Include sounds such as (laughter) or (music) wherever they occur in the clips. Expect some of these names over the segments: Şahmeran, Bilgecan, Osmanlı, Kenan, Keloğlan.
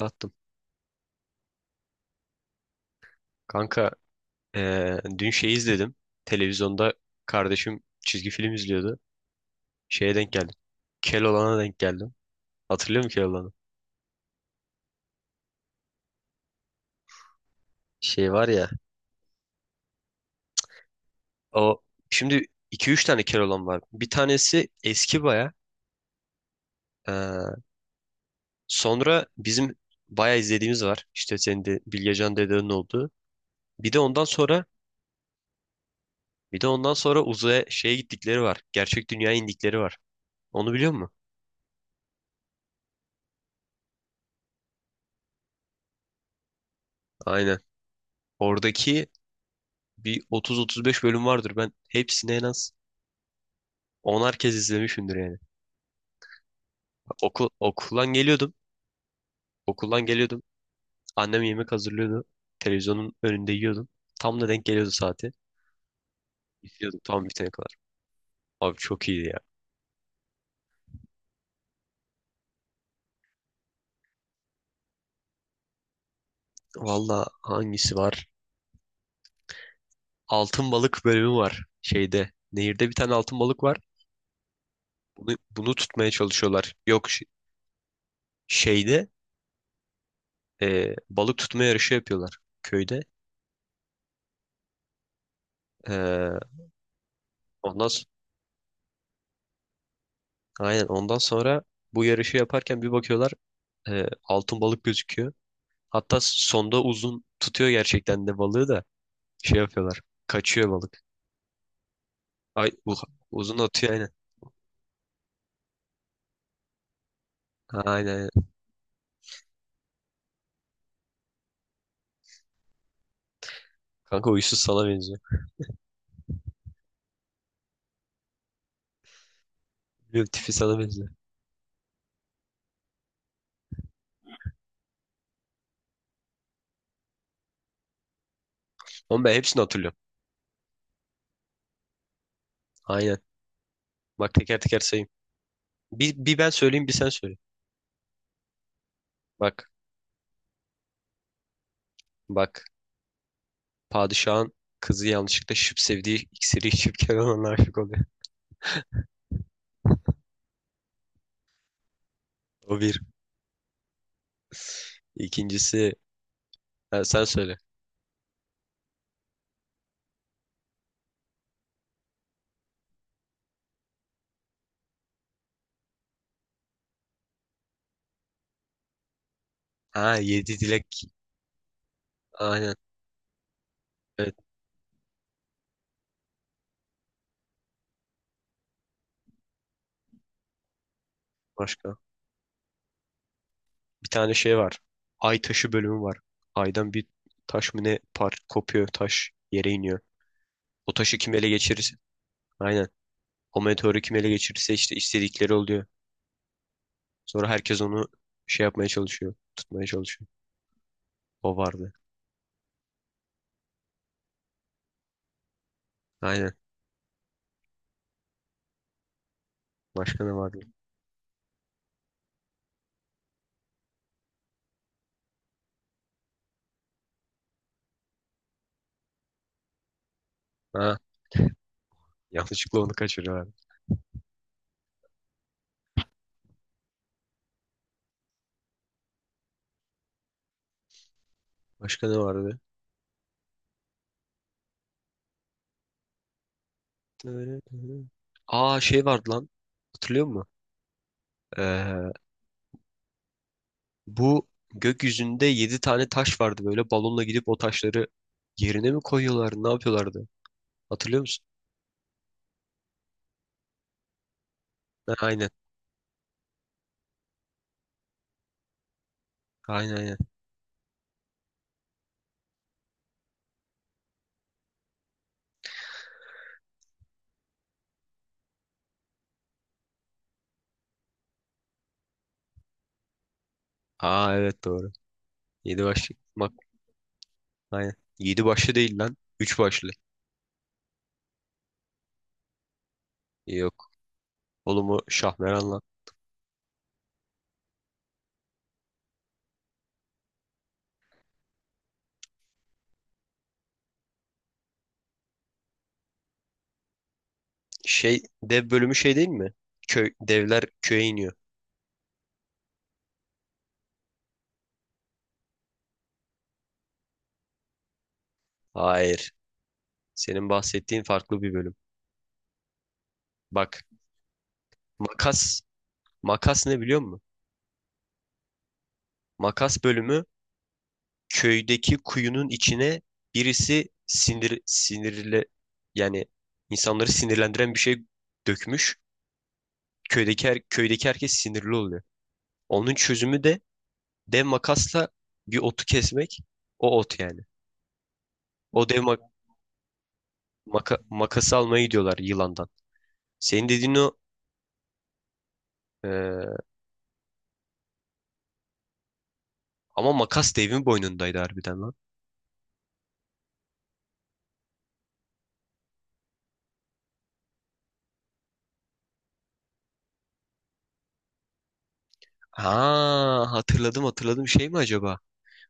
Attım. Kanka dün şey izledim. Televizyonda kardeşim çizgi film izliyordu. Şeye denk geldim. Keloğlan'a denk geldim. Hatırlıyor musun Keloğlan'ı? Şey var ya. O şimdi iki üç tane Keloğlan var. Bir tanesi eski baya. Eee, sonra bizim baya izlediğimiz var. İşte senin de Bilgecan dedenin olduğu. Bir de ondan sonra bir de ondan sonra uzaya şeye gittikleri var. Gerçek dünyaya indikleri var. Onu biliyor musun? Aynen. Oradaki bir 30-35 bölüm vardır. Ben hepsini en az 10'ar kez izlemişimdir yani. Okuldan geliyordum. Okuldan geliyordum. Annem yemek hazırlıyordu. Televizyonun önünde yiyordum. Tam da denk geliyordu saati. İzliyordum tam bitene kadar. Abi çok iyiydi ya. Valla hangisi var? Altın balık bölümü var. Şeyde. Nehirde bir tane altın balık var. Bunu tutmaya çalışıyorlar. Yok şeyde balık tutma yarışı yapıyorlar köyde. E, ondan s- aynen ondan sonra bu yarışı yaparken bir bakıyorlar, altın balık gözüküyor. Hatta sonda uzun tutuyor gerçekten de balığı da şey yapıyorlar. Kaçıyor balık. Ay bu uzun atıyor aynen. Ha, aynen. Aynen. Kanka uysuz sana benziyor. Bilmiyorum, tipi sana benziyor. Ama ben hepsini hatırlıyorum. Aynen. Bak teker teker sayayım. Bir ben söyleyeyim, bir sen söyle. Bak bak. Padişahın kızı yanlışlıkla şıp sevdiği iksiri içip Kenan'a aşık oluyor. O bir. İkincisi, ha, sen söyle. Ha, 7 dilek. Aynen. Evet, başka. Bir tane şey var. Ay taşı bölümü var. Aydan bir taş mı ne par kopuyor, taş yere iniyor. O taşı kim ele geçirirse aynen. O meteoru kim ele geçirirse işte istedikleri oluyor. Sonra herkes onu şey yapmaya çalışıyor. Tutmaya çalışıyor. O vardı. Aynen. Başka ne vardı? Ha, yanlışlıkla onu kaçırıyorlar. Başka ne vardı? Aa, şey vardı lan. Hatırlıyor musun? Ee, bu gökyüzünde 7 tane taş vardı, böyle balonla gidip o taşları yerine mi koyuyorlar? Ne yapıyorlardı? Hatırlıyor musun? Ha, aynen. Aynen. Aa evet, doğru. 7 başlı. Bak aynen. 7 başlı değil lan. 3 başlı. Yok. Oğlum, o Şahmeran lan. Şey, dev bölümü şey değil mi? Köy, devler köye iniyor. Hayır. Senin bahsettiğin farklı bir bölüm. Bak, makas. Makas ne biliyor musun? Makas bölümü, köydeki kuyunun içine birisi sinir sinirle, yani insanları sinirlendiren bir şey, dökmüş. Köydeki herkes sinirli oluyor. Onun çözümü de dev makasla bir otu kesmek. O ot yani. O makası almaya gidiyorlar yılandan. Senin dediğin o, e, ama makas devin boynundaydı harbiden lan. Ha, hatırladım şey mi acaba?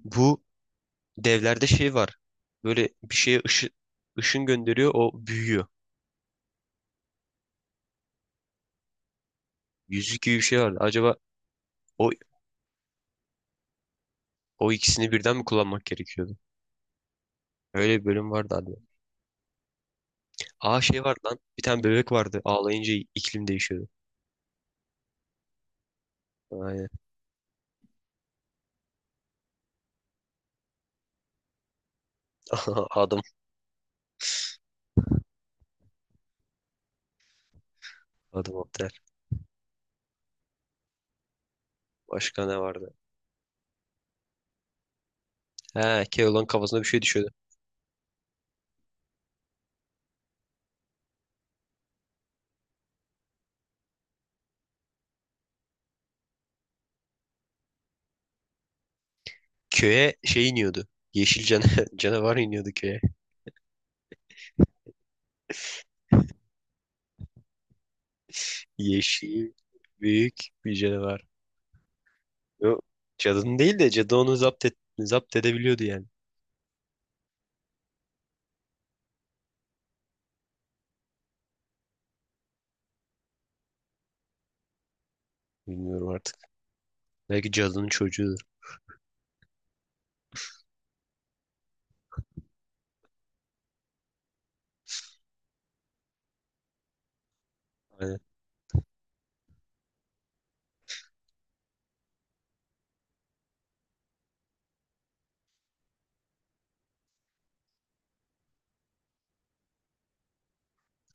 Bu devlerde şey var. Böyle bir şeye ışın gönderiyor, o büyüyor. Yüzük gibi bir şey vardı. Acaba o o ikisini birden mi kullanmak gerekiyordu? Öyle bir bölüm vardı abi. Aa, şey vardı lan. Bir tane bebek vardı. Ağlayınca iklim değişiyordu. Aynen. (laughs) Adam Adam Otel. Başka ne vardı? He, Keloğlan kafasına bir şey düşüyordu. Köye şey iniyordu. Yeşil can (laughs) canavar iniyordu köye. Yeşil büyük bir canavar. Yok, cadının değil de cadı onu zapt, et, zapt edebiliyordu yani. Bilmiyorum artık. Belki cadının çocuğudur. Aynen.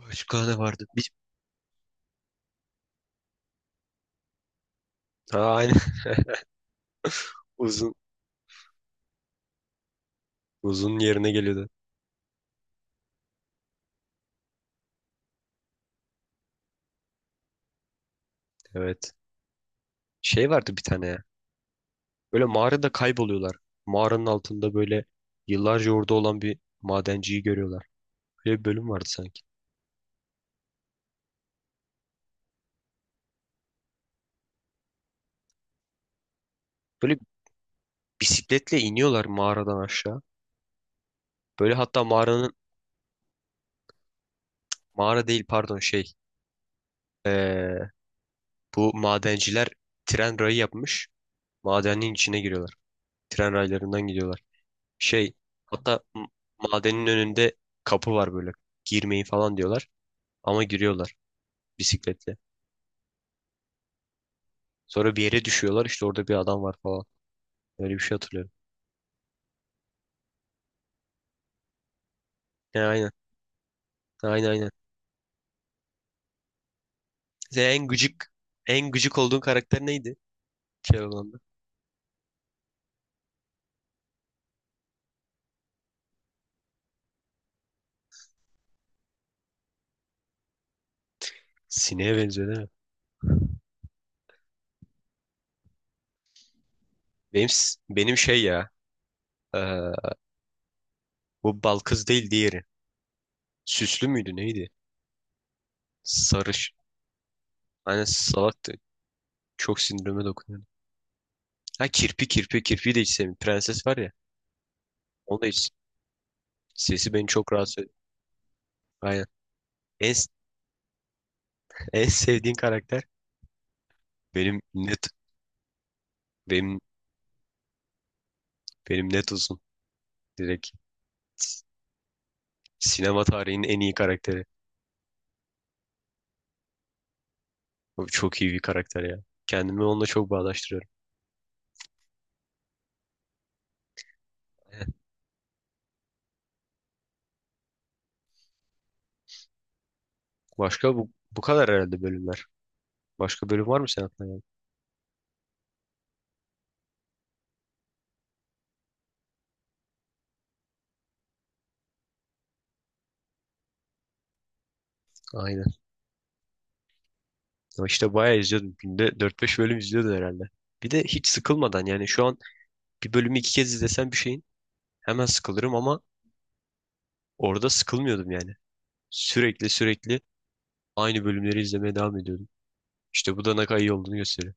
Başka ne vardı? Bir... Ha, aynen. (laughs) Uzun. Uzun yerine geliyordu. Evet. Şey vardı bir tane ya. Böyle mağarada kayboluyorlar. Mağaranın altında böyle yıllarca orada olan bir madenciyi görüyorlar. Böyle bir bölüm vardı sanki. Böyle bisikletle iniyorlar mağaradan aşağı. Böyle hatta mağaranın mağara değil pardon şey ee, bu madenciler tren rayı yapmış. Madenin içine giriyorlar. Tren raylarından gidiyorlar. Şey, hatta madenin önünde kapı var böyle. Girmeyin falan diyorlar. Ama giriyorlar bisikletle. Sonra bir yere düşüyorlar, işte orada bir adam var falan. Öyle bir şey hatırlıyorum. He, aynen. Aynen. Sen en gıcık en gıcık olduğun karakter neydi? Şey olanda. Sineğe benziyor değil mi? Benim şey ya. ee, Bu bal kız değil, diğeri. Süslü müydü neydi? Sarış. Aynen, salaktı. Çok sinirime dokunuyordu. Ha kirpi, kirpi de hiç sevmiyorum. Prenses var ya. Onu da hiç. Sesi beni çok rahatsız ediyor. Aynen. En, en sevdiğin karakter, benim net benim benim net uzun. Direkt sinema tarihinin en iyi karakteri. Bu çok iyi bir karakter ya. Kendimi onunla çok bağdaştırıyorum. Aynen. Başka bu kadar herhalde bölümler. Başka bölüm var mı sen aklına gelen? Aynen. Ama işte bayağı izliyordum. Günde 4 5 bölüm izliyordum herhalde. Bir de hiç sıkılmadan, yani şu an bir bölümü 2 kez izlesem bir şeyin hemen sıkılırım, ama orada sıkılmıyordum yani. Sürekli aynı bölümleri izlemeye devam ediyordum. İşte bu da ne kadar iyi olduğunu gösteriyor.